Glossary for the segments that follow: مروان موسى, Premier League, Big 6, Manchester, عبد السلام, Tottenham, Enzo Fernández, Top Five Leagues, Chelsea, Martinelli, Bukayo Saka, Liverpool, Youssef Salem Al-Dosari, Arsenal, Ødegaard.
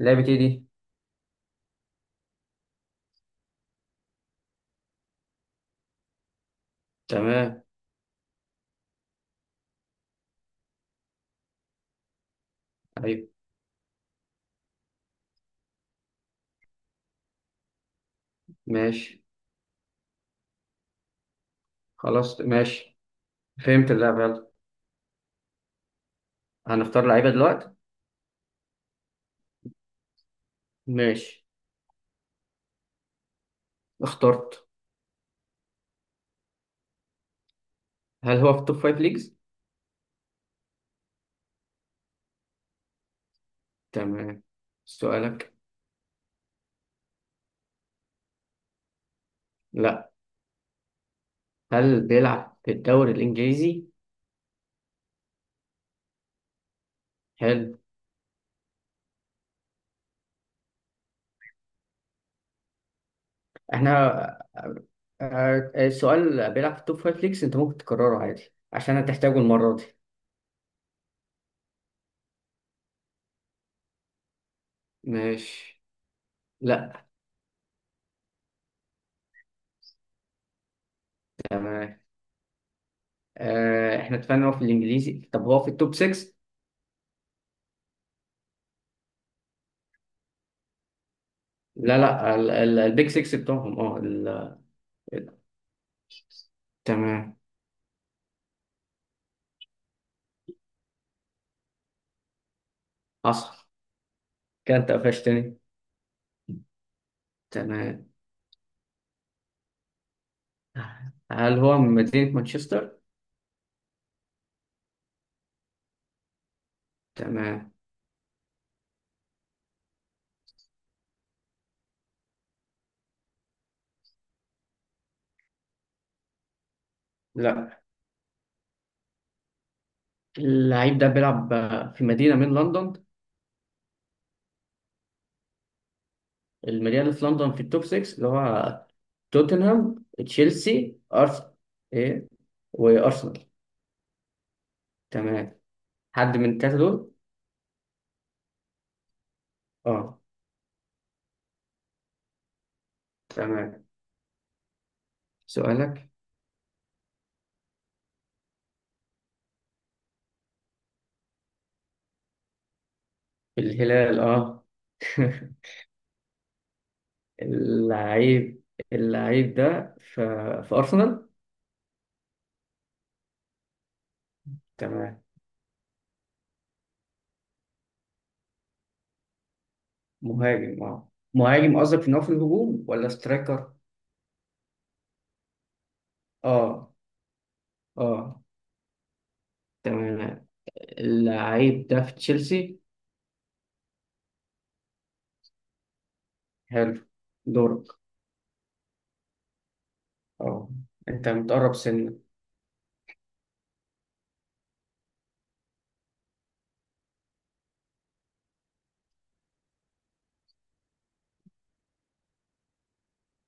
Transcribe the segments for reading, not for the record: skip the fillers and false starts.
لعبة ايه دي؟ تمام. أيوه. ماشي. خلاص، ماشي. فهمت اللعبة، يلا هنختار لعيبة دلوقتي. ماشي، اخترت. هل هو في التوب فايف ليجز؟ تمام. سؤالك؟ لا. هل بيلعب في الدوري الإنجليزي؟ حلو. احنا آه، السؤال بيلعب في التوب فايف ليجز، انت ممكن تكرره عادي عشان هتحتاجه المرة دي. ماشي. لا. تمام. احنا اتفقنا هو في الانجليزي، طب هو في التوب 6؟ لا لا، البيج 6 بتوعهم، اه. تمام، حصل. كده انت قفشتني. تمام. هل هو من مدينة مانشستر؟ تمام. لا. اللعيب ده بيلعب في مدينة من لندن، المدينة اللي في لندن في التوب 6، اللي هو توتنهام، تشيلسي، أرسنال. إيه وأرسنال. تمام. حد من التلاتة دول؟ اه. تمام، سؤالك؟ الهلال، اه. اللعيب اللعيب ده في أرسنال؟ تمام. مهاجم، اه، مهاجم قصدك ان هو في الهجوم ولا سترايكر؟ اه، اه. تمام. اللعيب ده في تشيلسي؟ حلو. دورك. اه. انت متقرب سنة.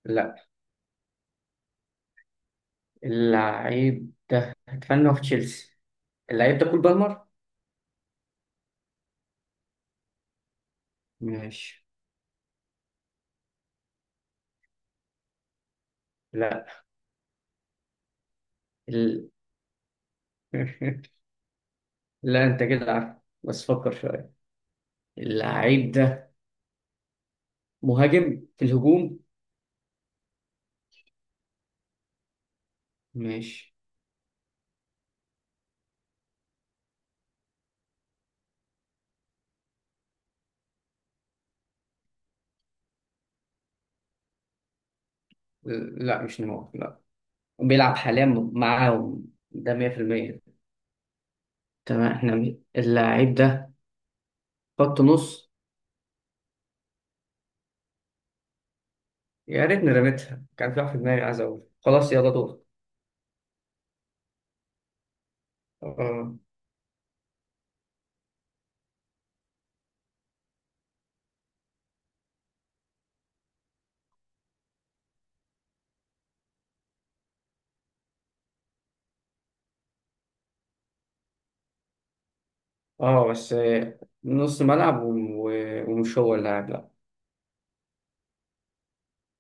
لا. اللعيب ده اتمنى هو في تشيلسي، اللعيب ده كول بالمر. ماشي. لا. ال... لا، انت كده عارف، بس فكر شوية. اللعيب ده مهاجم في الهجوم. ماشي. لا، مش نمو، لا. بيلعب حاليا معاهم، ده 100%. تمام، احنا اللاعب ده خط نص. يا ريتني رميتها، كان في واحد في دماغي عايز اقول خلاص يلا دور. اه، اه، بس نص ملعب ومش هو اللاعب، لا.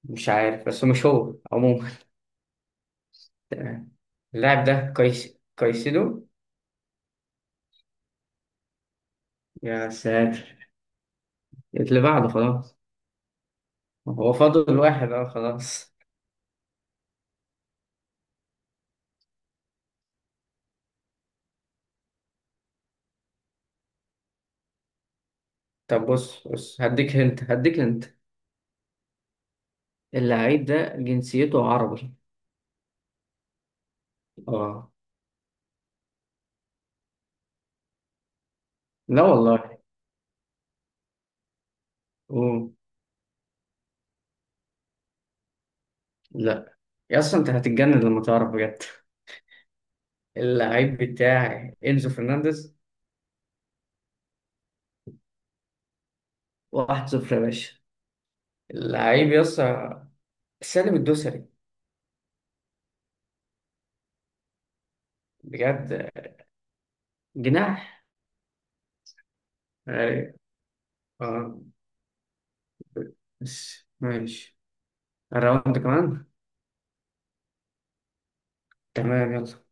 مش عارف، بس مش هو عموما. تمام. اللاعب ده كايس كايسيدو. يا ساتر. اللي بعده خلاص، هو فاضل واحد، اه خلاص. طب بص بص، هديك هنت هديك هنت. اللاعب ده جنسيته عربي. اه. لا والله. أوه. لا. يا اصلا انت هتتجنن لما تعرف بجد. اللعيب بتاعي انزو فرنانديز. 1-0 يا باشا. اللعيب يسا سالم الدوسري. بجد. جناح. أي- اه، بس ماشي. الراوند كمان. تمام، يلا.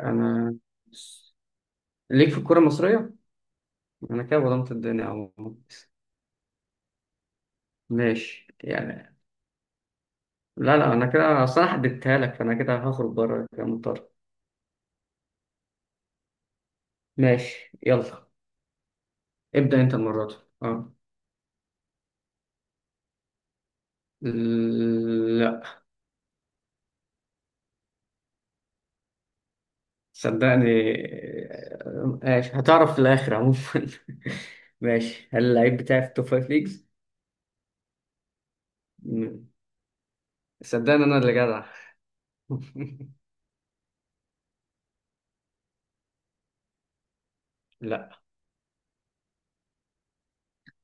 انا ليك في الكرة المصرية، انا كده ظلمت الدنيا عموما. ماشي يعني. لا لا، انا كده اصل انا حددتها لك، فانا كده هخرج بره كده مضطر. ماشي، يلا ابدأ انت المرة دي. اه. صدقني، ماشي هتعرف في الآخر عموما. ماشي. هل اللعيب بتاعي في التوب فايف ليجز؟ مم. صدقني أنا اللي جدع. لا.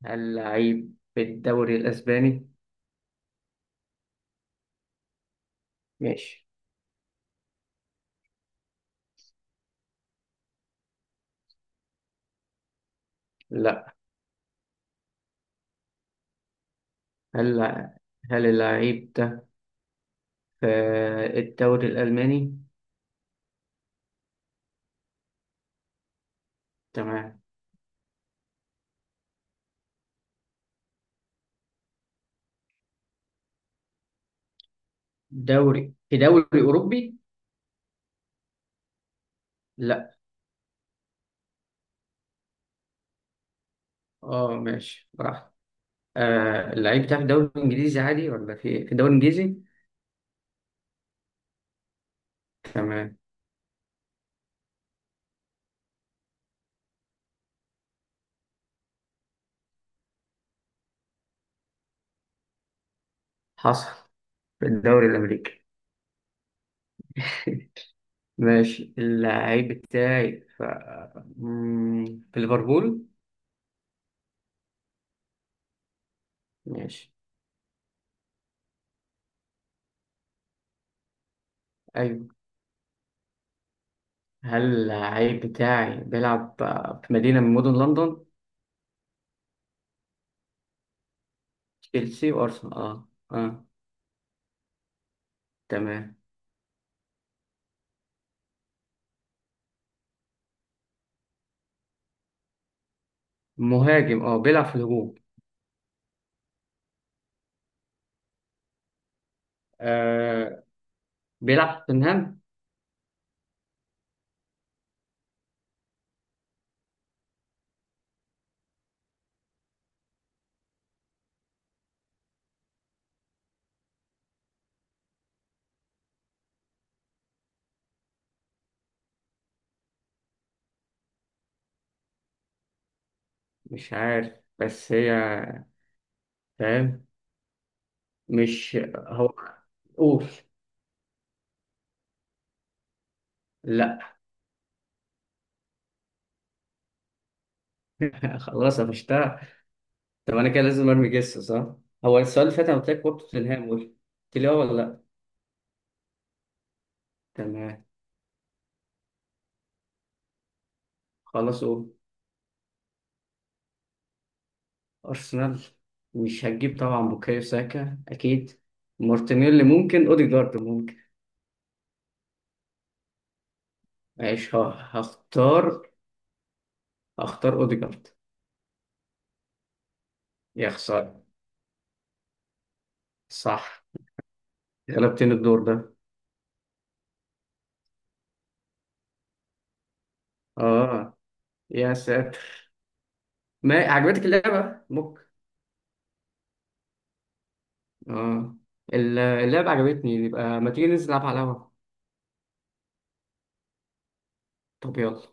هل اللعيب في الدوري الأسباني؟ ماشي. لا. هل هل اللعيب ده في الدوري الألماني؟ تمام. دوري، في دوري أوروبي؟ لا. اه ماشي، براحتك. آه، اللعيب بتاعي في الدوري الإنجليزي عادي، ولا في الدوري الإنجليزي؟ تمام. حصل، في الدوري الأمريكي. ماشي. اللعيب بتاعي في في ليفربول. ماشي. أيوة. هل اللعيب بتاعي بيلعب في مدينة من مدن لندن؟ تشيلسي وأرسنال، أه أه. تمام. مهاجم، أه، بيلعب في الهجوم. آه بيلعب في توتنهام. مش عارف، بس هي. فاهم. مش هو. أوف. لا. خلاص قفشتها. طب أنا كده لازم أرمي جس، صح؟ هو السؤال اللي فات أنا قلت لك برضه توتنهام، قلت لي أه ولا لأ؟ تمام. خلصوا. أرسنال. مش هتجيب طبعا بوكايو ساكا أكيد، مارتينيلي ممكن، أوديجارد ممكن. ماشي، هختار أوديجارد. يا خسارة. صح، غلبتني الدور ده. آه، يا ساتر. ما عجبتك اللعبة؟ ممكن. آه اللعبة عجبتني، يبقى ما تيجي ننزل نلعب على القهوة. طب يلا.